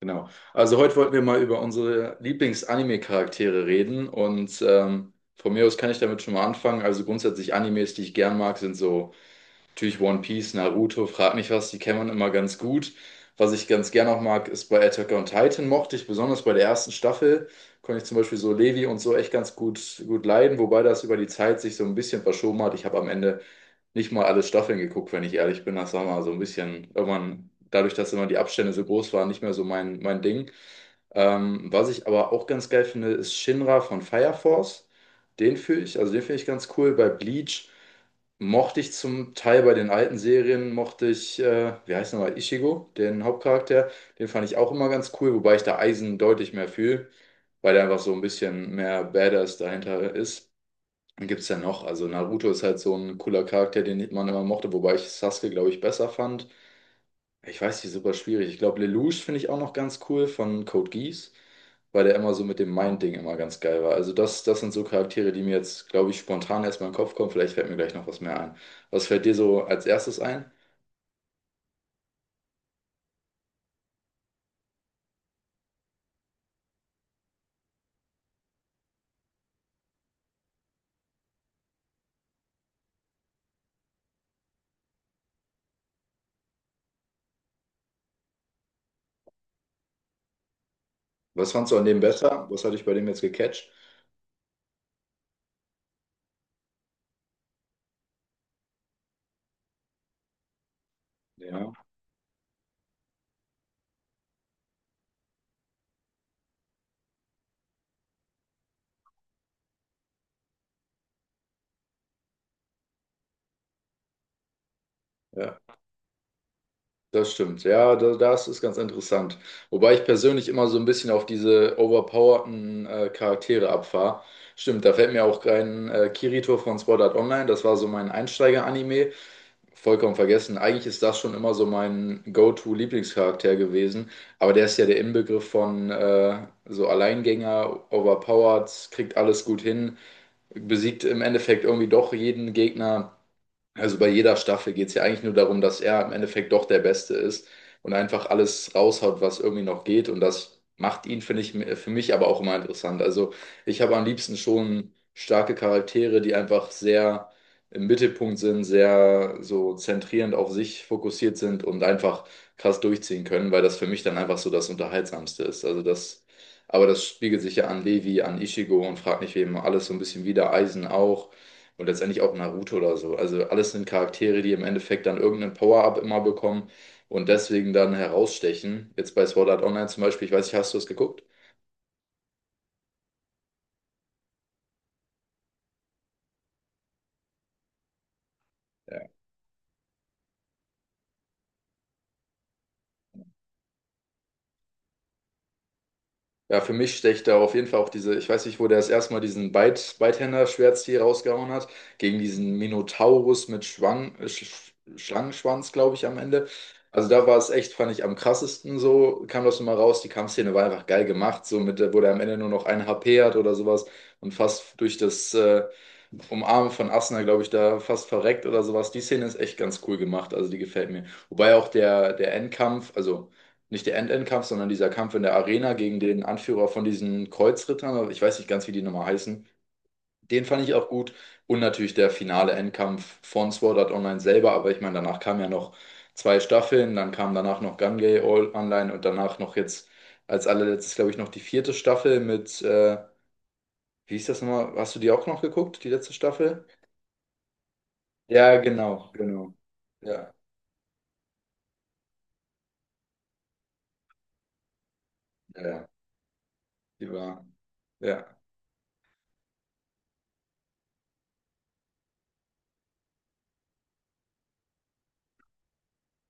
Genau. Also heute wollten wir mal über unsere Lieblings-Anime-Charaktere reden, und von mir aus kann ich damit schon mal anfangen. Also grundsätzlich Animes, die ich gern mag, sind so. Natürlich One Piece, Naruto, frag nicht was, die kennt man immer ganz gut. Was ich ganz gerne auch mag, ist, bei Attack on Titan mochte ich, besonders bei der ersten Staffel, konnte ich zum Beispiel so Levi und so echt ganz gut leiden, wobei das über die Zeit sich so ein bisschen verschoben hat. Ich habe am Ende nicht mal alle Staffeln geguckt, wenn ich ehrlich bin. Das war mal so ein bisschen, irgendwann, dadurch, dass immer die Abstände so groß waren, nicht mehr so mein Ding. Was ich aber auch ganz geil finde, ist Shinra von Fire Force. Den fühle ich, also den finde ich ganz cool. Bei Bleach mochte ich zum Teil bei den alten Serien, mochte ich, wie heißt nochmal, Ichigo, den Hauptcharakter. Den fand ich auch immer ganz cool, wobei ich da Eisen deutlich mehr fühle, weil der einfach so ein bisschen mehr Badass dahinter ist. Dann gibt's ja noch, also Naruto ist halt so ein cooler Charakter, den man immer mochte, wobei ich Sasuke, glaube ich, besser fand. Ich weiß nicht, super schwierig. Ich glaube, Lelouch finde ich auch noch ganz cool, von Code Geass, weil der immer so mit dem Mind-Ding immer ganz geil war. Also das sind so Charaktere, die mir jetzt, glaube ich, spontan erstmal in den Kopf kommen. Vielleicht fällt mir gleich noch was mehr ein. Was fällt dir so als erstes ein? Was fandst du an dem besser? Was hat dich bei dem jetzt gecatcht? Ja. Ja. Das stimmt, ja, das ist ganz interessant. Wobei ich persönlich immer so ein bisschen auf diese overpowerten Charaktere abfahre. Stimmt, da fällt mir auch kein Kirito von Sword Art Online, das war so mein Einsteiger-Anime. Vollkommen vergessen. Eigentlich ist das schon immer so mein Go-To-Lieblingscharakter gewesen, aber der ist ja der Inbegriff von so Alleingänger, overpowered, kriegt alles gut hin, besiegt im Endeffekt irgendwie doch jeden Gegner. Also bei jeder Staffel geht es ja eigentlich nur darum, dass er im Endeffekt doch der Beste ist und einfach alles raushaut, was irgendwie noch geht. Und das macht ihn, finde ich, für mich aber auch immer interessant. Also ich habe am liebsten schon starke Charaktere, die einfach sehr im Mittelpunkt sind, sehr so zentrierend auf sich fokussiert sind und einfach krass durchziehen können, weil das für mich dann einfach so das Unterhaltsamste ist. Also das, aber das spiegelt sich ja an Levi, an Ichigo und frag nicht wem alles so ein bisschen wieder, Eisen auch. Und letztendlich auch Naruto oder so. Also alles sind Charaktere, die im Endeffekt dann irgendeinen Power-Up immer bekommen und deswegen dann herausstechen. Jetzt bei Sword Art Online zum Beispiel, ich weiß nicht, hast du es geguckt? Ja, für mich stecht da auf jeden Fall auch diese, ich weiß nicht, wo der das erste Mal diesen Beithänder-Schwertstil rausgehauen hat, gegen diesen Minotaurus mit Schwang, Sch Schlangenschwanz, glaube ich, am Ende. Also da war es echt, fand ich, am krassesten so, kam das nochmal raus. Die Kampfszene war einfach geil gemacht, so mit, wo der am Ende nur noch ein HP hat oder sowas und fast durch das Umarmen von Asuna, glaube ich, da fast verreckt oder sowas. Die Szene ist echt ganz cool gemacht, also die gefällt mir. Wobei auch der Endkampf, also nicht der End-End-Kampf, sondern dieser Kampf in der Arena gegen den Anführer von diesen Kreuzrittern, aber ich weiß nicht ganz, wie die nochmal heißen. Den fand ich auch gut. Und natürlich der finale Endkampf von Sword Art Online selber, aber ich meine, danach kamen ja noch 2 Staffeln, dann kam danach noch Gungai All Online und danach noch jetzt als allerletztes, glaube ich, noch die vierte Staffel mit, wie hieß das nochmal? Hast du die auch noch geguckt, die letzte Staffel? Ja, genau, genau. Ja, ja, ja. Die war. Ja,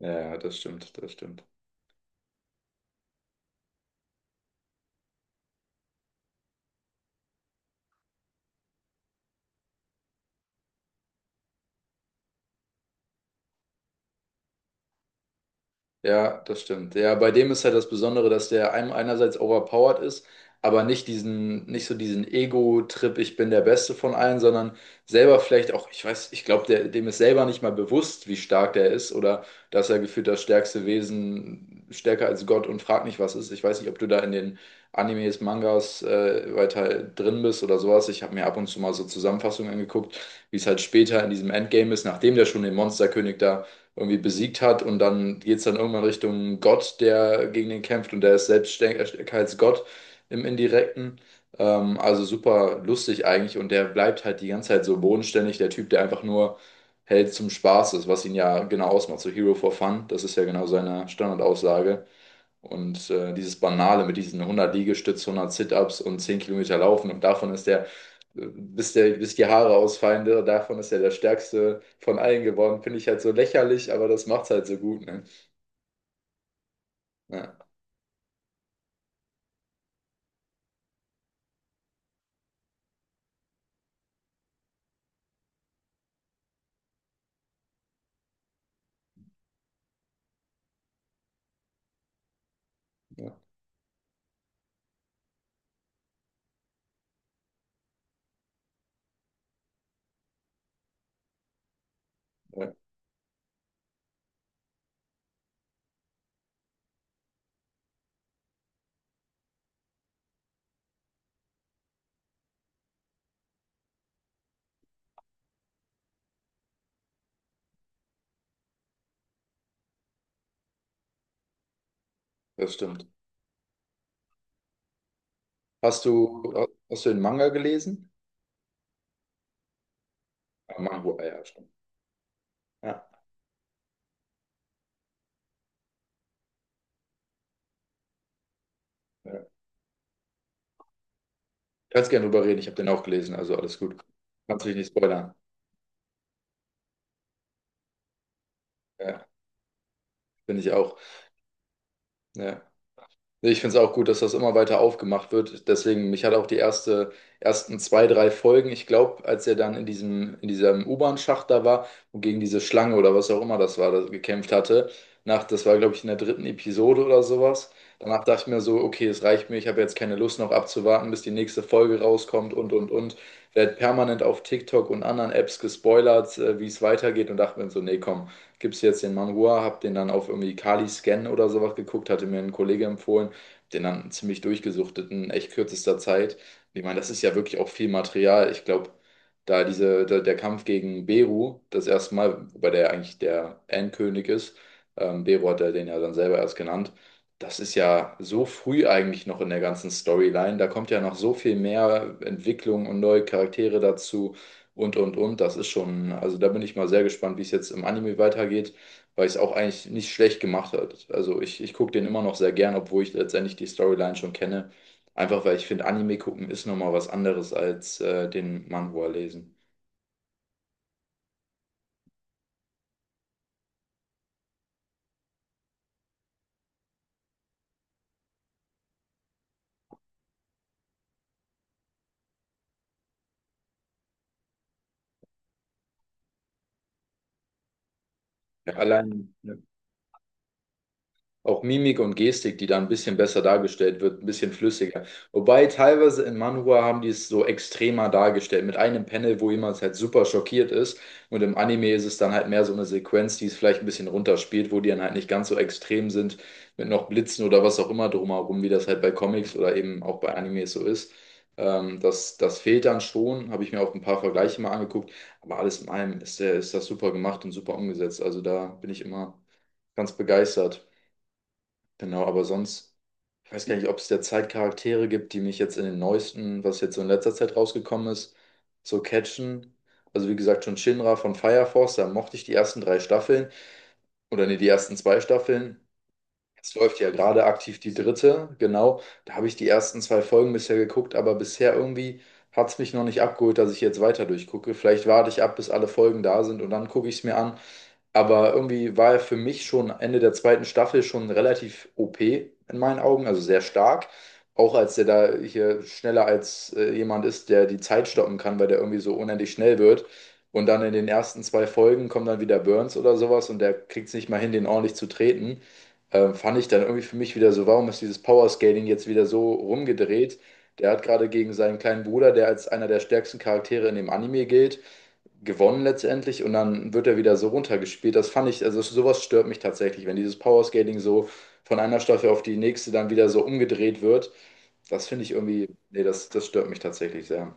ja, ja, das stimmt, das stimmt. Ja, das stimmt. Ja, bei dem ist halt das Besondere, dass der einem einerseits overpowered ist, aber nicht diesen, nicht so diesen Ego-Trip, ich bin der Beste von allen, sondern selber vielleicht auch, ich weiß, ich glaube, der, dem ist selber nicht mal bewusst, wie stark der ist, oder dass er gefühlt das stärkste Wesen, stärker als Gott und fragt nicht, was ist. Ich weiß nicht, ob du da in den Animes, Mangas weiter drin bist oder sowas. Ich habe mir ab und zu mal so Zusammenfassungen angeguckt, wie es halt später in diesem Endgame ist, nachdem der schon den Monsterkönig da irgendwie besiegt hat und dann geht es dann irgendwann Richtung Gott, der gegen den kämpft, und der ist selbst stärker als Gott im Indirekten. Also super lustig eigentlich, und der bleibt halt die ganze Zeit so bodenständig, der Typ, der einfach nur hält zum Spaß ist, was ihn ja genau ausmacht, so Hero for Fun, das ist ja genau seine Standardaussage. Und dieses Banale mit diesen 100 Liegestütz, 100 Sit-Ups und 10 Kilometer Laufen, und davon ist bis die Haare ausfallen, der, davon ist er der stärkste von allen geworden, finde ich halt so lächerlich, aber das macht's halt so gut, ne? Ja, ja, ja, das stimmt. Hast du, hast du den Manga gelesen? Ah, Mango, ah, ja, stimmt. Ja, ja. Kannst gerne drüber reden, ich habe den auch gelesen, also alles gut. Kannst mich nicht spoilern. Ja, bin ich auch. Ja. Nee, ich finde es auch gut, dass das immer weiter aufgemacht wird. Deswegen, mich hat auch ersten zwei, drei Folgen, ich glaube, als er dann in in diesem U-Bahn-Schacht da war und gegen diese Schlange oder was auch immer das war, das gekämpft hatte, das war, glaube ich, in der dritten Episode oder sowas. Danach dachte ich mir so, okay, es reicht mir, ich habe jetzt keine Lust noch abzuwarten, bis die nächste Folge rauskommt und, und. Werd permanent auf TikTok und anderen Apps gespoilert, wie es weitergeht, und dachte mir so, nee, komm, gibst jetzt den Manhua, hab den dann auf irgendwie Kali Scan oder sowas geguckt, hatte mir ein Kollege empfohlen, den dann ziemlich durchgesuchtet in echt kürzester Zeit. Und ich meine, das ist ja wirklich auch viel Material. Ich glaube, der Kampf gegen Beru, das erste Mal, wobei der ja eigentlich der Endkönig ist, Beru hat er den ja dann selber erst genannt. Das ist ja so früh eigentlich noch in der ganzen Storyline. Da kommt ja noch so viel mehr Entwicklung und neue Charaktere dazu und und. Das ist schon, also da bin ich mal sehr gespannt, wie es jetzt im Anime weitergeht, weil es auch eigentlich nicht schlecht gemacht hat. Also ich gucke den immer noch sehr gern, obwohl ich letztendlich die Storyline schon kenne. Einfach weil ich finde, Anime gucken ist nochmal was anderes als den Manhwa lesen. Ja, allein. Auch Mimik und Gestik, die da ein bisschen besser dargestellt wird, ein bisschen flüssiger. Wobei teilweise in Manhwa haben die es so extremer dargestellt, mit einem Panel, wo jemand halt super schockiert ist. Und im Anime ist es dann halt mehr so eine Sequenz, die es vielleicht ein bisschen runterspielt, wo die dann halt nicht ganz so extrem sind, mit noch Blitzen oder was auch immer drumherum, wie das halt bei Comics oder eben auch bei Animes so ist. Das fehlt dann schon, habe ich mir auch ein paar Vergleiche mal angeguckt. Aber alles in allem ist, der, ist das super gemacht und super umgesetzt. Also da bin ich immer ganz begeistert. Genau, aber sonst, ich weiß gar nicht, ob es derzeit Charaktere gibt, die mich jetzt in den neuesten, was jetzt so in letzter Zeit rausgekommen ist, so catchen. Also wie gesagt, schon Shinra von Fire Force, da mochte ich die ersten drei Staffeln. Oder nee, die ersten zwei Staffeln. Es läuft ja gerade aktiv die dritte, genau. Da habe ich die ersten 2 Folgen bisher geguckt, aber bisher irgendwie hat es mich noch nicht abgeholt, dass ich jetzt weiter durchgucke. Vielleicht warte ich ab, bis alle Folgen da sind, und dann gucke ich es mir an. Aber irgendwie war er für mich schon Ende der zweiten Staffel schon relativ OP in meinen Augen, also sehr stark. Auch als der da hier schneller als jemand ist, der die Zeit stoppen kann, weil der irgendwie so unendlich schnell wird. Und dann in den ersten 2 Folgen kommt dann wieder Burns oder sowas, und der kriegt es nicht mal hin, den ordentlich zu treten. Fand ich dann irgendwie für mich wieder so, warum ist dieses Powerscaling jetzt wieder so rumgedreht? Der hat gerade gegen seinen kleinen Bruder, der als einer der stärksten Charaktere in dem Anime gilt, gewonnen letztendlich, und dann wird er wieder so runtergespielt. Das fand ich, also sowas stört mich tatsächlich, wenn dieses Powerscaling so von einer Staffel auf die nächste dann wieder so umgedreht wird. Das finde ich irgendwie, nee, das stört mich tatsächlich sehr.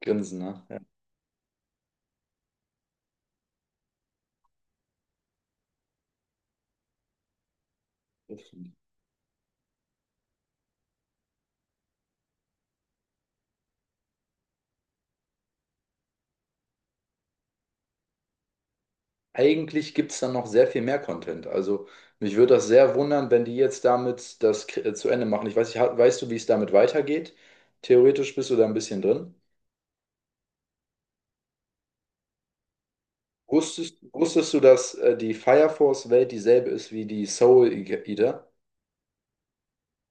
Grinsen, ne? Ja. Eigentlich gibt es dann noch sehr viel mehr Content. Also mich würde das sehr wundern, wenn die jetzt damit das zu Ende machen. Ich weiß nicht, weißt du, wie es damit weitergeht? Theoretisch bist du da ein bisschen drin. Wusstest du, dass die Fire Force Welt dieselbe ist wie die Soul Eater?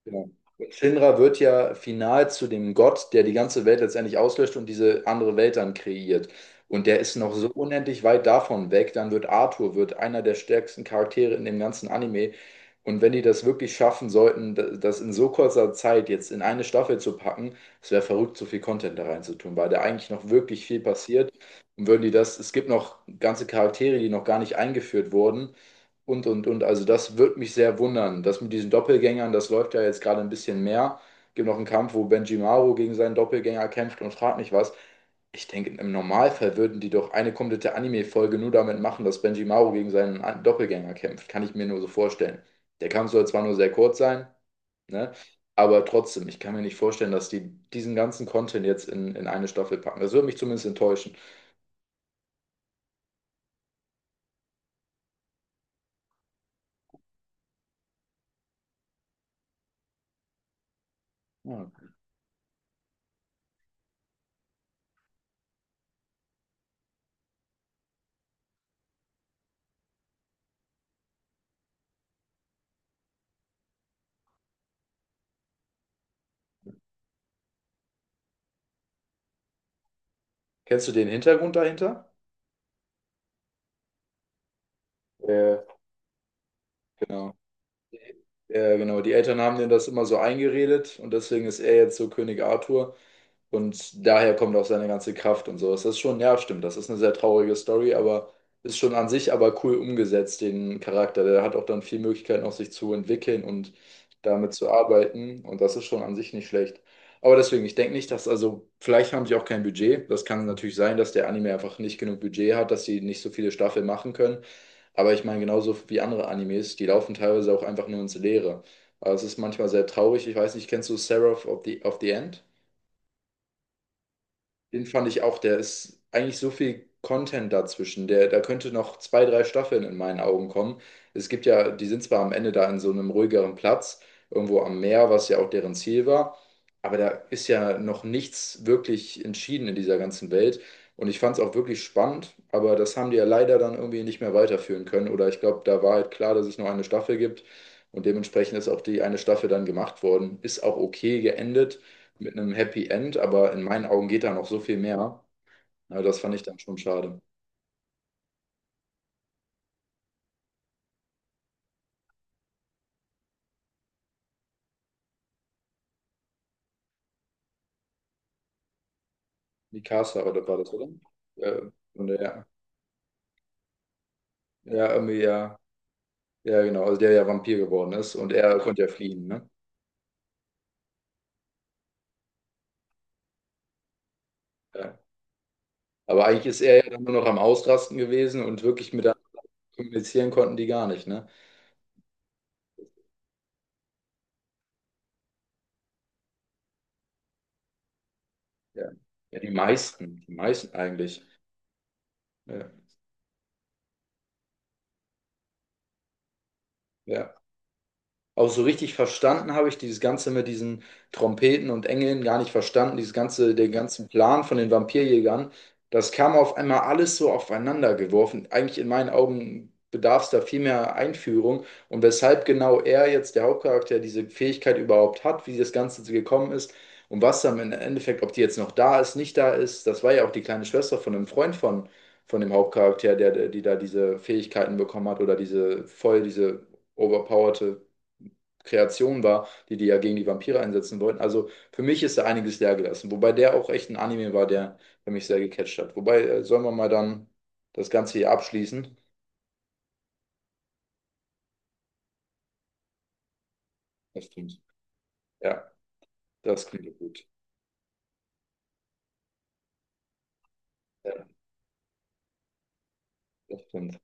Ja. Und Shinra wird ja final zu dem Gott, der die ganze Welt letztendlich auslöscht und diese andere Welt dann kreiert. Und der ist noch so unendlich weit davon weg. Dann wird Arthur, wird einer der stärksten Charaktere in dem ganzen Anime. Und wenn die das wirklich schaffen sollten, das in so kurzer Zeit jetzt in eine Staffel zu packen, es wäre verrückt, so viel Content da reinzutun, weil da eigentlich noch wirklich viel passiert. Und würden die das, es gibt noch ganze Charaktere, die noch gar nicht eingeführt wurden. Also das würde mich sehr wundern. Das mit diesen Doppelgängern, das läuft ja jetzt gerade ein bisschen mehr. Gibt noch einen Kampf, wo Benjimaro gegen seinen Doppelgänger kämpft und fragt mich was. Ich denke, im Normalfall würden die doch eine komplette Anime-Folge nur damit machen, dass Benjimaro gegen seinen Doppelgänger kämpft. Kann ich mir nur so vorstellen. Der Kampf soll zwar nur sehr kurz sein, ne? Aber trotzdem, ich kann mir nicht vorstellen, dass die diesen ganzen Content jetzt in eine Staffel packen. Das würde mich zumindest enttäuschen. Ja. Kennst du den Hintergrund dahinter? Äh, Genau. Ja, genau. Die Eltern haben denen das immer so eingeredet und deswegen ist er jetzt so König Arthur. Und daher kommt auch seine ganze Kraft und sowas. Das ist schon, ja, stimmt, das ist eine sehr traurige Story, aber ist schon an sich aber cool umgesetzt, den Charakter. Der hat auch dann viel Möglichkeiten, auch sich zu entwickeln und damit zu arbeiten. Und das ist schon an sich nicht schlecht. Aber deswegen, ich denke nicht, dass, also, vielleicht haben sie auch kein Budget. Das kann natürlich sein, dass der Anime einfach nicht genug Budget hat, dass sie nicht so viele Staffeln machen können. Aber ich meine, genauso wie andere Animes, die laufen teilweise auch einfach nur ins Leere. Aber es ist manchmal sehr traurig. Ich weiß nicht, kennst du Seraph of the End? Den fand ich auch, der ist eigentlich so viel Content dazwischen. Der, da könnte noch zwei, drei Staffeln in meinen Augen kommen. Es gibt ja, die sind zwar am Ende da in so einem ruhigeren Platz, irgendwo am Meer, was ja auch deren Ziel war, aber da ist ja noch nichts wirklich entschieden in dieser ganzen Welt. Und ich fand es auch wirklich spannend, aber das haben die ja leider dann irgendwie nicht mehr weiterführen können. Oder ich glaube, da war halt klar, dass es nur eine Staffel gibt. Und dementsprechend ist auch die eine Staffel dann gemacht worden. Ist auch okay geendet mit einem Happy End, aber in meinen Augen geht da noch so viel mehr. Na, das fand ich dann schon schade. Mikasa, oder war das, oder? Äh, und der, ja, irgendwie, ja, ja, genau, also der ja Vampir geworden ist und er konnte ja fliehen, ne? Ja. Aber eigentlich ist er ja dann nur noch am Ausrasten gewesen und wirklich mit kommunizieren konnten die gar nicht, ne? Ja, ja, die meisten eigentlich. Ja, ja. Auch so richtig verstanden habe ich dieses Ganze mit diesen Trompeten und Engeln gar nicht verstanden. Dieses ganze, den ganzen Plan von den Vampirjägern, das kam auf einmal alles so aufeinander geworfen. Eigentlich in meinen Augen bedarf es da viel mehr Einführung. Und weshalb genau er jetzt, der Hauptcharakter, diese Fähigkeit überhaupt hat, wie das Ganze so gekommen ist und was dann im Endeffekt, ob die jetzt noch da ist, nicht da ist, das war ja auch die kleine Schwester von einem Freund von dem Hauptcharakter, die da diese Fähigkeiten bekommen hat oder diese voll, diese overpowerte Kreation war, die die ja gegen die Vampire einsetzen wollten. Also für mich ist da einiges leer gelassen. Wobei der auch echt ein Anime war, der, der mich sehr gecatcht hat. Wobei, sollen wir mal dann das Ganze hier abschließen? Das stimmt. Ja, das klingt gut. Ja, das stimmt.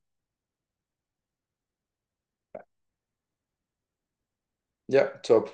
Ja, top.